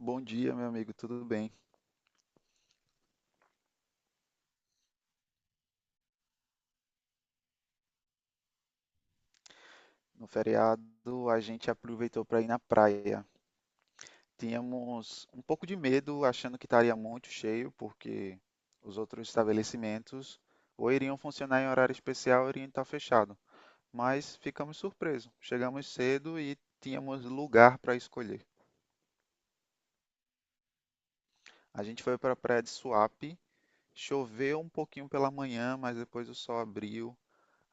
Bom dia, meu amigo, tudo bem? No feriado a gente aproveitou para ir na praia. Tínhamos um pouco de medo, achando que estaria muito cheio, porque os outros estabelecimentos ou iriam funcionar em horário especial ou iriam estar fechado. Mas ficamos surpresos. Chegamos cedo e tínhamos lugar para escolher. A gente foi para a praia de Suape, choveu um pouquinho pela manhã, mas depois o sol abriu.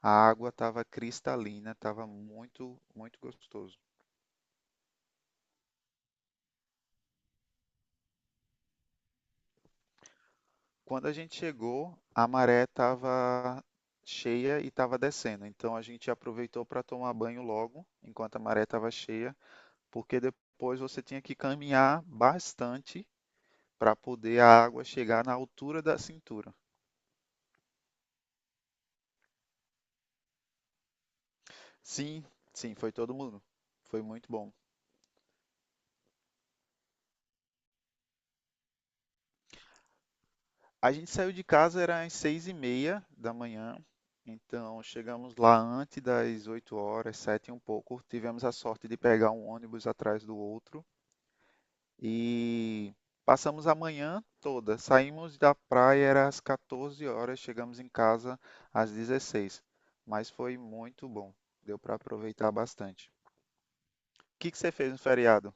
A água estava cristalina, estava muito, muito gostoso. Quando a gente chegou, a maré estava cheia e estava descendo. Então a gente aproveitou para tomar banho logo, enquanto a maré estava cheia, porque depois você tinha que caminhar bastante para poder a água chegar na altura da cintura. Sim, sim, foi todo mundo. Foi muito bom. A gente saiu de casa era às 6h30 da manhã, então chegamos lá antes das 8 horas, sete e um pouco. Tivemos a sorte de pegar um ônibus atrás do outro. E passamos a manhã toda. Saímos da praia era às 14 horas, chegamos em casa às 16. Mas foi muito bom. Deu para aproveitar bastante. O que que você fez no feriado?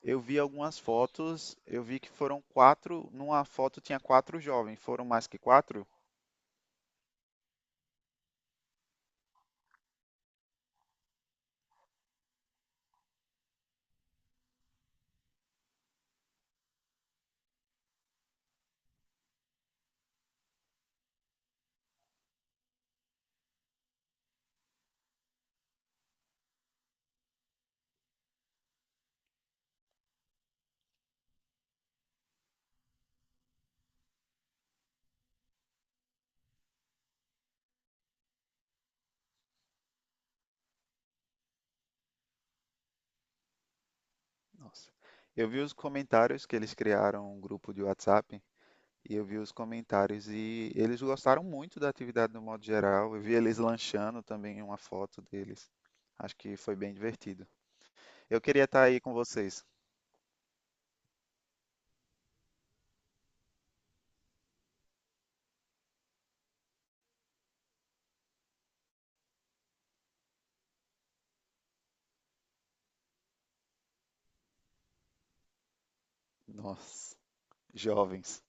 Eu vi algumas fotos, eu vi que foram quatro, numa foto tinha quatro jovens, foram mais que quatro? Nossa. Eu vi os comentários que eles criaram um grupo de WhatsApp. E eu vi os comentários e eles gostaram muito da atividade no modo geral. Eu vi eles lanchando também uma foto deles. Acho que foi bem divertido. Eu queria estar aí com vocês. Nossa, jovens.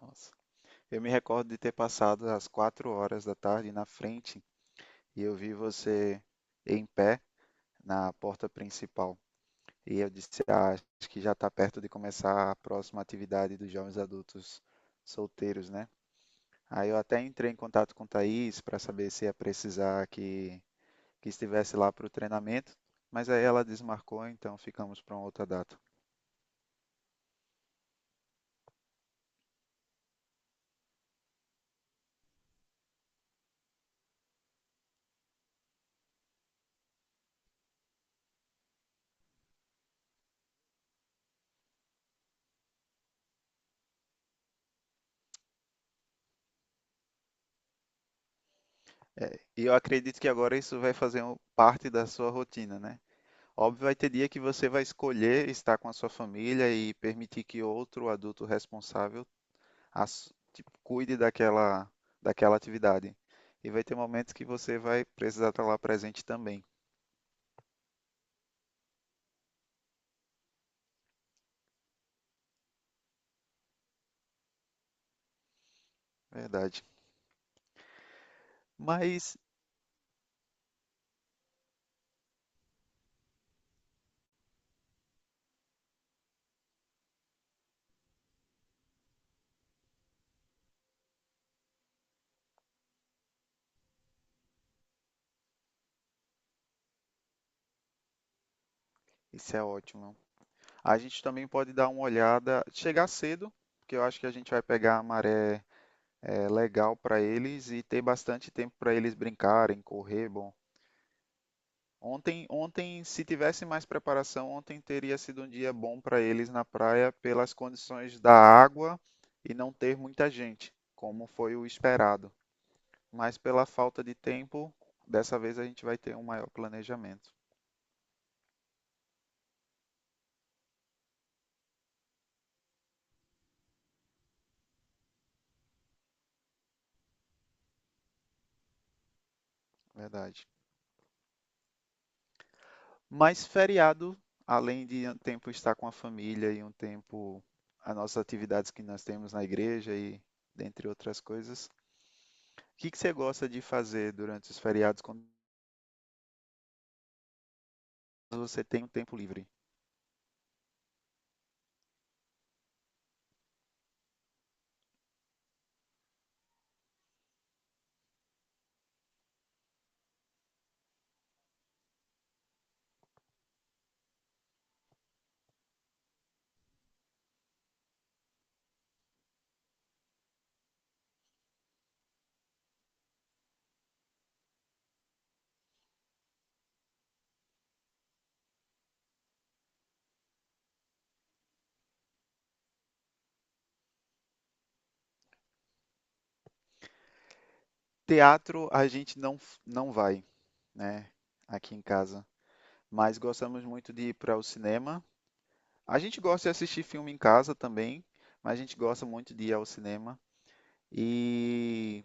Nossa. Eu me recordo de ter passado as 16 horas na frente e eu vi você em pé na porta principal. E eu disse, ah, acho que já está perto de começar a próxima atividade dos jovens adultos solteiros, né? Aí eu até entrei em contato com o Thaís para saber se ia precisar que estivesse lá para o treinamento, mas aí ela desmarcou, então ficamos para uma outra data. É, e eu acredito que agora isso vai fazer parte da sua rotina, né? Óbvio, vai ter dia que você vai escolher estar com a sua família e permitir que outro adulto responsável tipo, cuide daquela atividade. E vai ter momentos que você vai precisar estar lá presente também, verdade. Mas isso é ótimo. A gente também pode dar uma olhada, chegar cedo, porque eu acho que a gente vai pegar a maré é, legal para eles e ter bastante tempo para eles brincarem, correr, bom. Ontem, se tivesse mais preparação, ontem teria sido um dia bom para eles na praia pelas condições da água e não ter muita gente, como foi o esperado. Mas pela falta de tempo, dessa vez a gente vai ter um maior planejamento, verdade. Mas feriado, além de um tempo estar com a família e um tempo as nossas atividades que nós temos na igreja e dentre outras coisas, o que que você gosta de fazer durante os feriados quando você tem um tempo livre? Teatro a gente não vai, né, aqui em casa, mas gostamos muito de ir para o cinema. A gente gosta de assistir filme em casa também, mas a gente gosta muito de ir ao cinema. E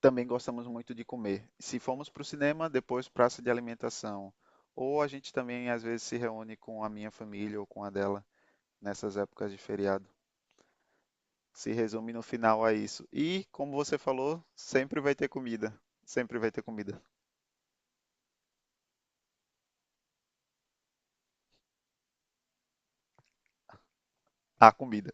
também gostamos muito de comer. Se formos para o cinema, depois praça de alimentação. Ou a gente também às vezes se reúne com a minha família ou com a dela nessas épocas de feriado. Se resume no final a isso. E, como você falou, sempre vai ter comida. Sempre vai ter comida. A comida.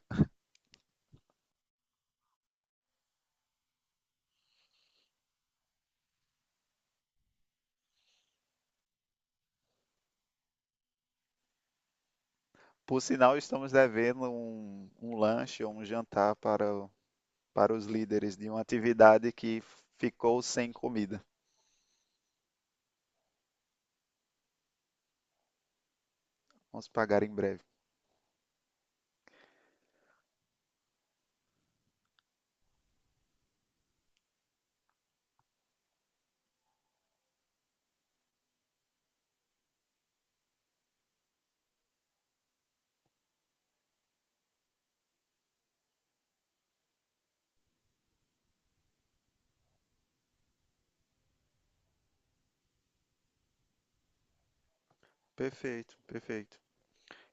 Por sinal, estamos devendo um lanche ou um jantar para, para os líderes de uma atividade que ficou sem comida. Vamos pagar em breve. Perfeito, perfeito.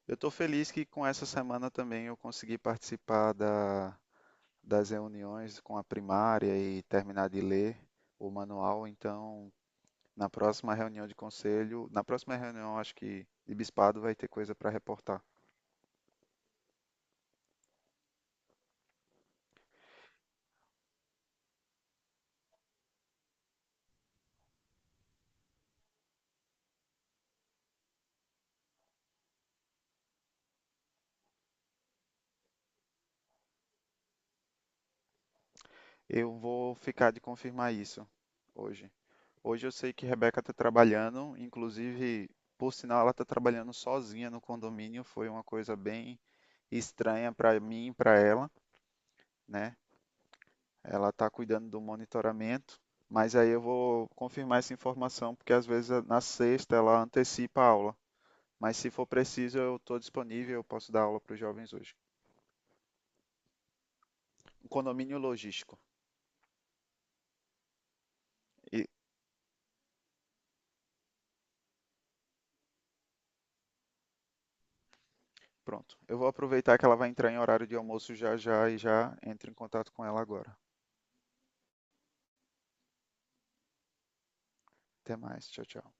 Eu estou feliz que com essa semana também eu consegui participar das reuniões com a primária e terminar de ler o manual. Então, na próxima reunião de conselho, na próxima reunião, acho que de bispado vai ter coisa para reportar. Eu vou ficar de confirmar isso hoje. Hoje eu sei que Rebeca está trabalhando, inclusive, por sinal, ela está trabalhando sozinha no condomínio. Foi uma coisa bem estranha para mim e para ela, né? Ela está cuidando do monitoramento, mas aí eu vou confirmar essa informação, porque às vezes na sexta ela antecipa a aula. Mas se for preciso, eu estou disponível, eu posso dar aula para os jovens hoje. Um condomínio logístico. E pronto. Eu vou aproveitar que ela vai entrar em horário de almoço já já e já entro em contato com ela agora. Até mais. Tchau, tchau.